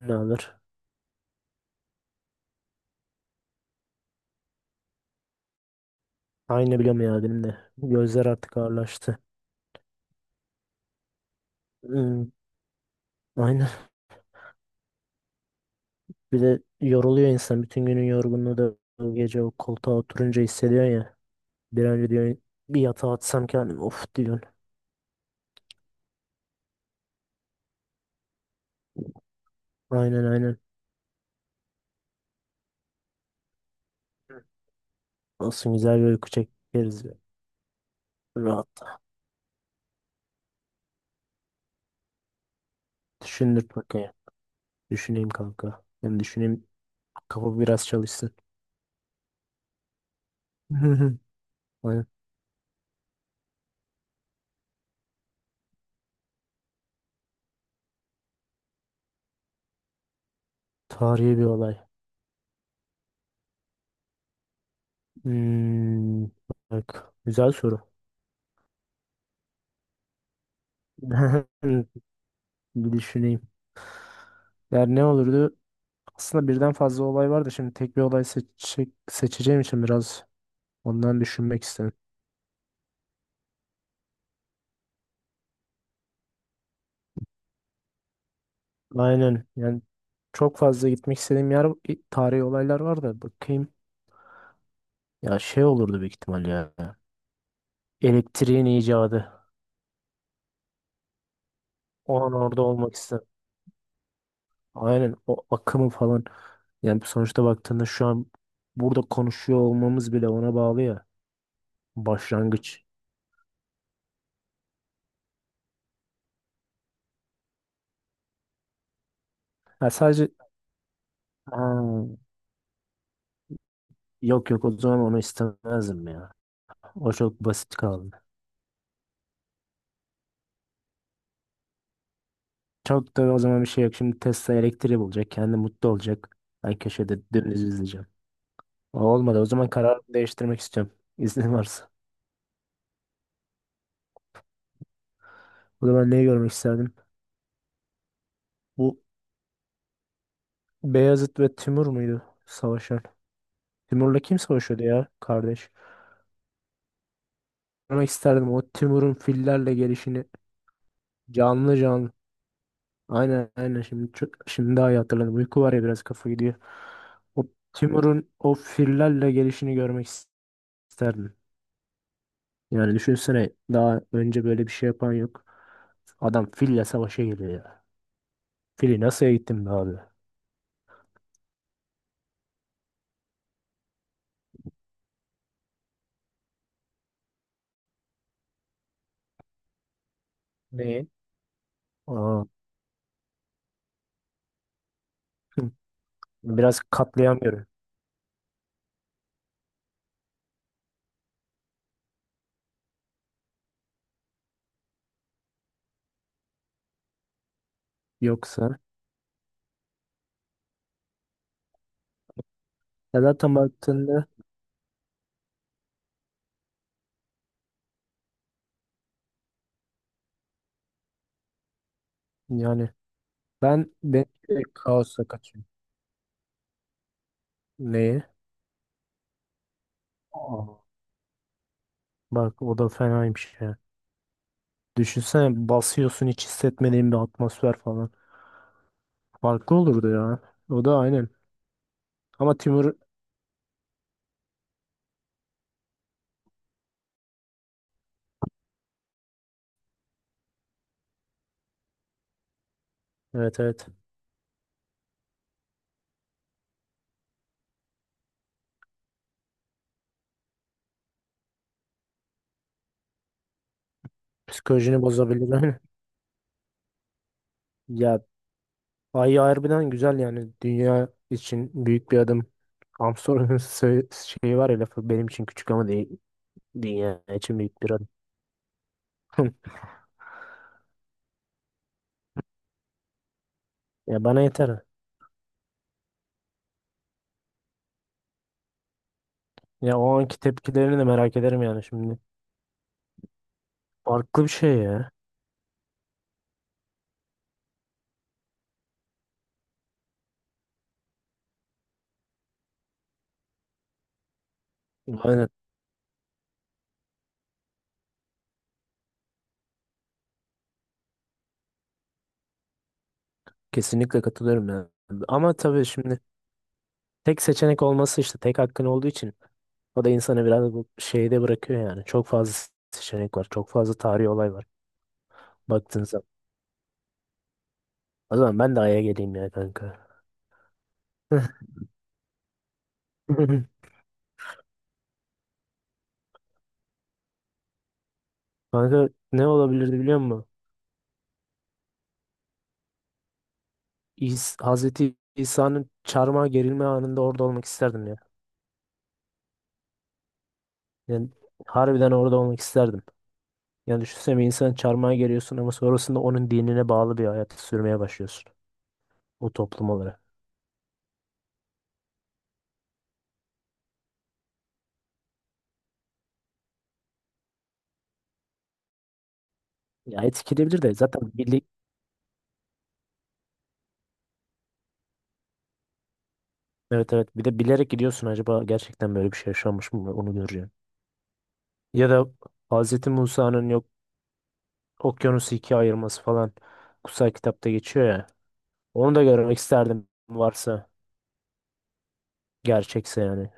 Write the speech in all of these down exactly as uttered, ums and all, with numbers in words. Ne alır? Aynı biliyorum ya, benim de. Gözler artık ağırlaştı. Hmm, aynen. Bir de yoruluyor insan. Bütün günün yorgunluğu da o gece o koltuğa oturunca hissediyorsun ya. Bir an önce diyorsun bir yatağa atsam kendimi of diyorsun. Aynen aynen. Olsun, güzel bir uyku çekeriz ya. Rahat. Düşündür bakayım. Düşüneyim kanka. Ben düşüneyim. Kafa biraz çalışsın. Aynen. Tarihi bir olay. Hmm, bak. Güzel soru. Bir düşüneyim. Yani ne olurdu? Aslında birden fazla olay var da şimdi tek bir olay seçecek, seçeceğim için biraz ondan düşünmek istedim. Aynen yani çok fazla gitmek istediğim yer, tarihi olaylar var da bakayım. Ya şey olurdu büyük ihtimal ya. Elektriğin icadı. O an orada olmak istedim. Aynen, o akımı falan. Yani sonuçta baktığında şu an burada konuşuyor olmamız bile ona bağlı ya. Başlangıç. Ya sadece Ha, yok yok, o zaman onu istemezdim ya. O çok basit kaldı. Çok da o zaman bir şey yok. Şimdi Tesla elektriği bulacak. Kendi mutlu olacak. Ben köşede dümdüz izleyeceğim. O olmadı. O zaman kararımı değiştirmek istiyorum. İznin varsa. O zaman neyi görmek isterdim? Bu Beyazıt ve Timur muydu savaşan? Timur'la kim savaşıyordu ya kardeş? Görmek isterdim o Timur'un fillerle gelişini canlı canlı. Aynen aynen, şimdi çok, şimdi daha iyi hatırladım. Uyku var ya, biraz kafa gidiyor. O Timur'un o fillerle gelişini görmek isterdim. Yani düşünsene, daha önce böyle bir şey yapan yok. Adam fille savaşa geliyor ya. Fili nasıl eğittim be abi? Neyi? Aa, hı, biraz katlayamıyorum. Yoksa ya zaten baktığında yani ben ben direkt kaosa kaçıyorum. Neyi? Aa, bak o da fenaymış ya. Düşünsene, basıyorsun hiç hissetmediğin bir atmosfer falan. Farklı olurdu ya. O da aynen. Ama Timur evet evet, psikolojini bozabilir. Ya, Ay harbiden güzel yani, dünya için büyük bir adım. Armstrong'un sö- şeyi var ya, lafı, benim için küçük ama değil, dünya için büyük bir adım. Ya bana yeter. Ya o anki tepkilerini de merak ederim yani şimdi. Farklı bir şey ya. Aynen, kesinlikle katılıyorum ya. Ama tabii şimdi tek seçenek olması, işte tek hakkın olduğu için o da insanı biraz bu şeyde bırakıyor yani. Çok fazla seçenek var. Çok fazla tarihi olay var baktığın zaman. O zaman ben de Ay'a geleyim ya kanka. Kanka ne olabilirdi biliyor musun? İs Hazreti İsa'nın çarmıha gerilme anında orada olmak isterdim ya. Yani harbiden orada olmak isterdim. Yani düşünsene, bir insan çarmıha geriyorsun ama sonrasında onun dinine bağlı bir hayat sürmeye başlıyorsun. O toplum olarak. Ya etkileyebilir de zaten bili evet evet, bir de bilerek gidiyorsun, acaba gerçekten böyle bir şey yaşanmış mı onu göreceksin. Ya da Hazreti Musa'nın yok, okyanusu ikiye ayırması falan kutsal kitapta geçiyor ya. Onu da görmek isterdim varsa, gerçekse yani.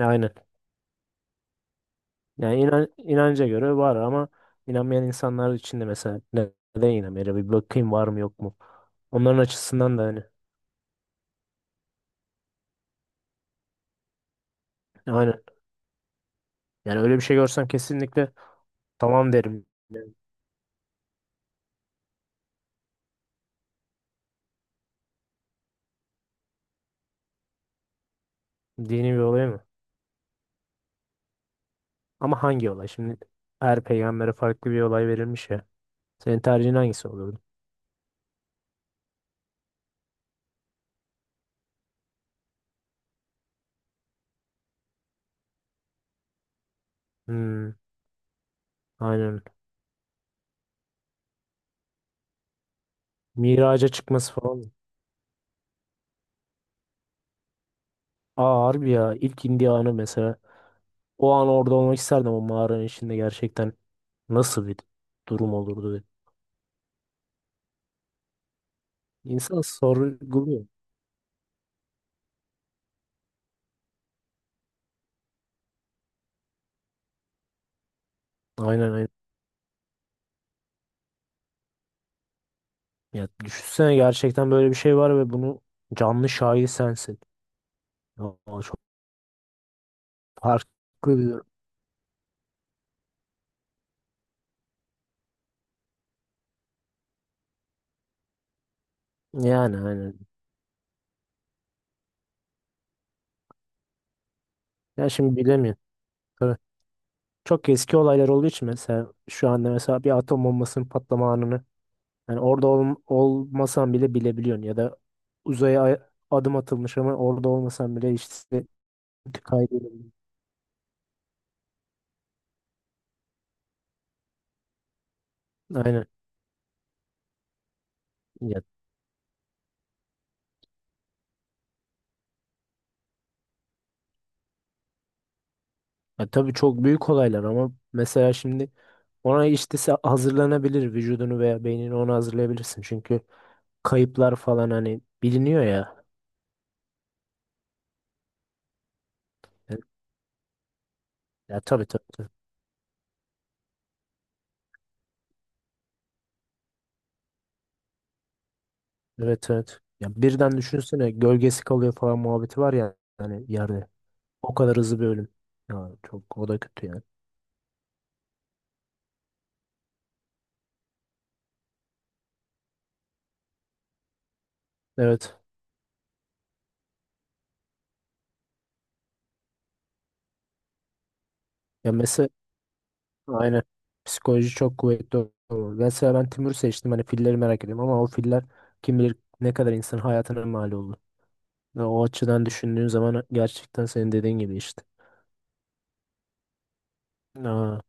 Aynen. Yani inan, inanca göre var ama inanmayan insanlar için de mesela ne- neden inanmıyor? Bir bakayım var mı yok mu? Onların açısından da hani aynen. Yani öyle bir şey görsem kesinlikle tamam derim. Yani dini bir olay mı? Ama hangi olay? Şimdi her peygambere farklı bir olay verilmiş ya. Senin tercihin hangisi olurdu? Hmm, aynen. Miraca çıkması falan. Aa harbi ya, ilk indiği anı mesela. O an orada olmak isterdim o mağaranın içinde, gerçekten nasıl bir durum olurdu diye. İnsan sorguluyor. Aynen aynen. Ya düşünsene, gerçekten böyle bir şey var ve bunu canlı şahidi sensin. Ya, çok farklı bir durum. Yani aynen. Ya şimdi bilemiyorum. Tabii çok eski olaylar olduğu için, mesela şu anda mesela bir atom bombasının patlama anını yani orada ol, olmasan bile bilebiliyorsun, ya da uzaya ay- adım atılmış ama orada olmasan bile işte kaybediyorsun. Aynen. Ya tabii çok büyük olaylar ama mesela şimdi ona işte se- hazırlanabilir, vücudunu veya beynini ona hazırlayabilirsin. Çünkü kayıplar falan hani biliniyor ya. Ya, ya tabii tabii tabii. Evet evet. Ya birden düşünsene, gölgesi kalıyor falan muhabbeti var ya hani yerde. O kadar hızlı bir ölüm. Ya çok, o da kötü yani. Evet. Ya mesela aynen, psikoloji çok kuvvetli olur. Mesela ben Timur seçtim, hani filleri merak ediyorum ama o filler kim bilir ne kadar insan hayatına mal oldu. Ya, o açıdan düşündüğün zaman gerçekten senin dediğin gibi işte. Aa,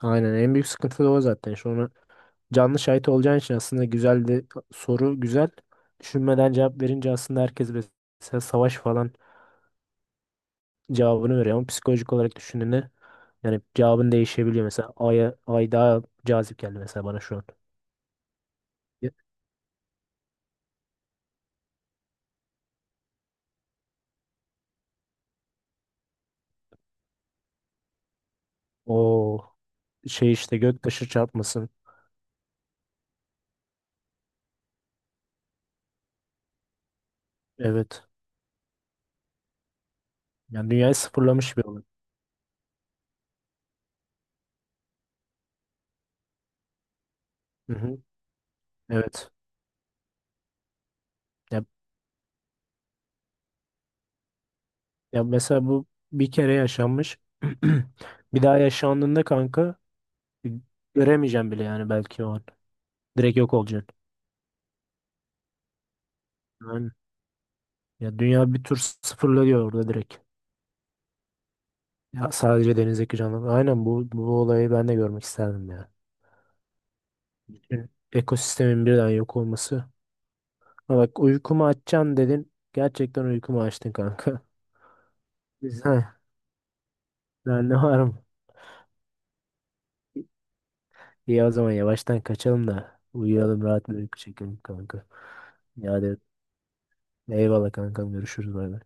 aynen en büyük sıkıntı da o zaten. Şu onu canlı şahit olacağın için aslında güzel de, soru güzel. Düşünmeden cevap verince aslında herkes mesela savaş falan cevabını veriyor ama psikolojik olarak düşündüğünde yani cevabın değişebiliyor. Mesela Ay'a, Ay daha cazip geldi mesela bana şu an. O şey işte, göktaşı çarpmasın. Evet. Yani dünyayı sıfırlamış bir olay. Hı hı. Evet. Ya Ya mesela bu bir kere yaşanmış. Bir daha yaşandığında kanka, e, göremeyeceğim bile yani belki o an. Direkt yok olacaksın. Yani, ya dünya bir tur sıfırlanıyor orada direkt. Ya sadece denizdeki canlı. Aynen, bu bu olayı ben de görmek isterdim ya. Bütün ekosistemin birden yok olması. Ha bak, uykumu açacaksın dedin. Gerçekten uykumu açtın kanka. Güzel. Ben ne varım? İyi, o zaman yavaştan kaçalım da uyuyalım, rahat bir uyku çekelim kanka. Ya, Eyvallah kankam, görüşürüz. Bay bay.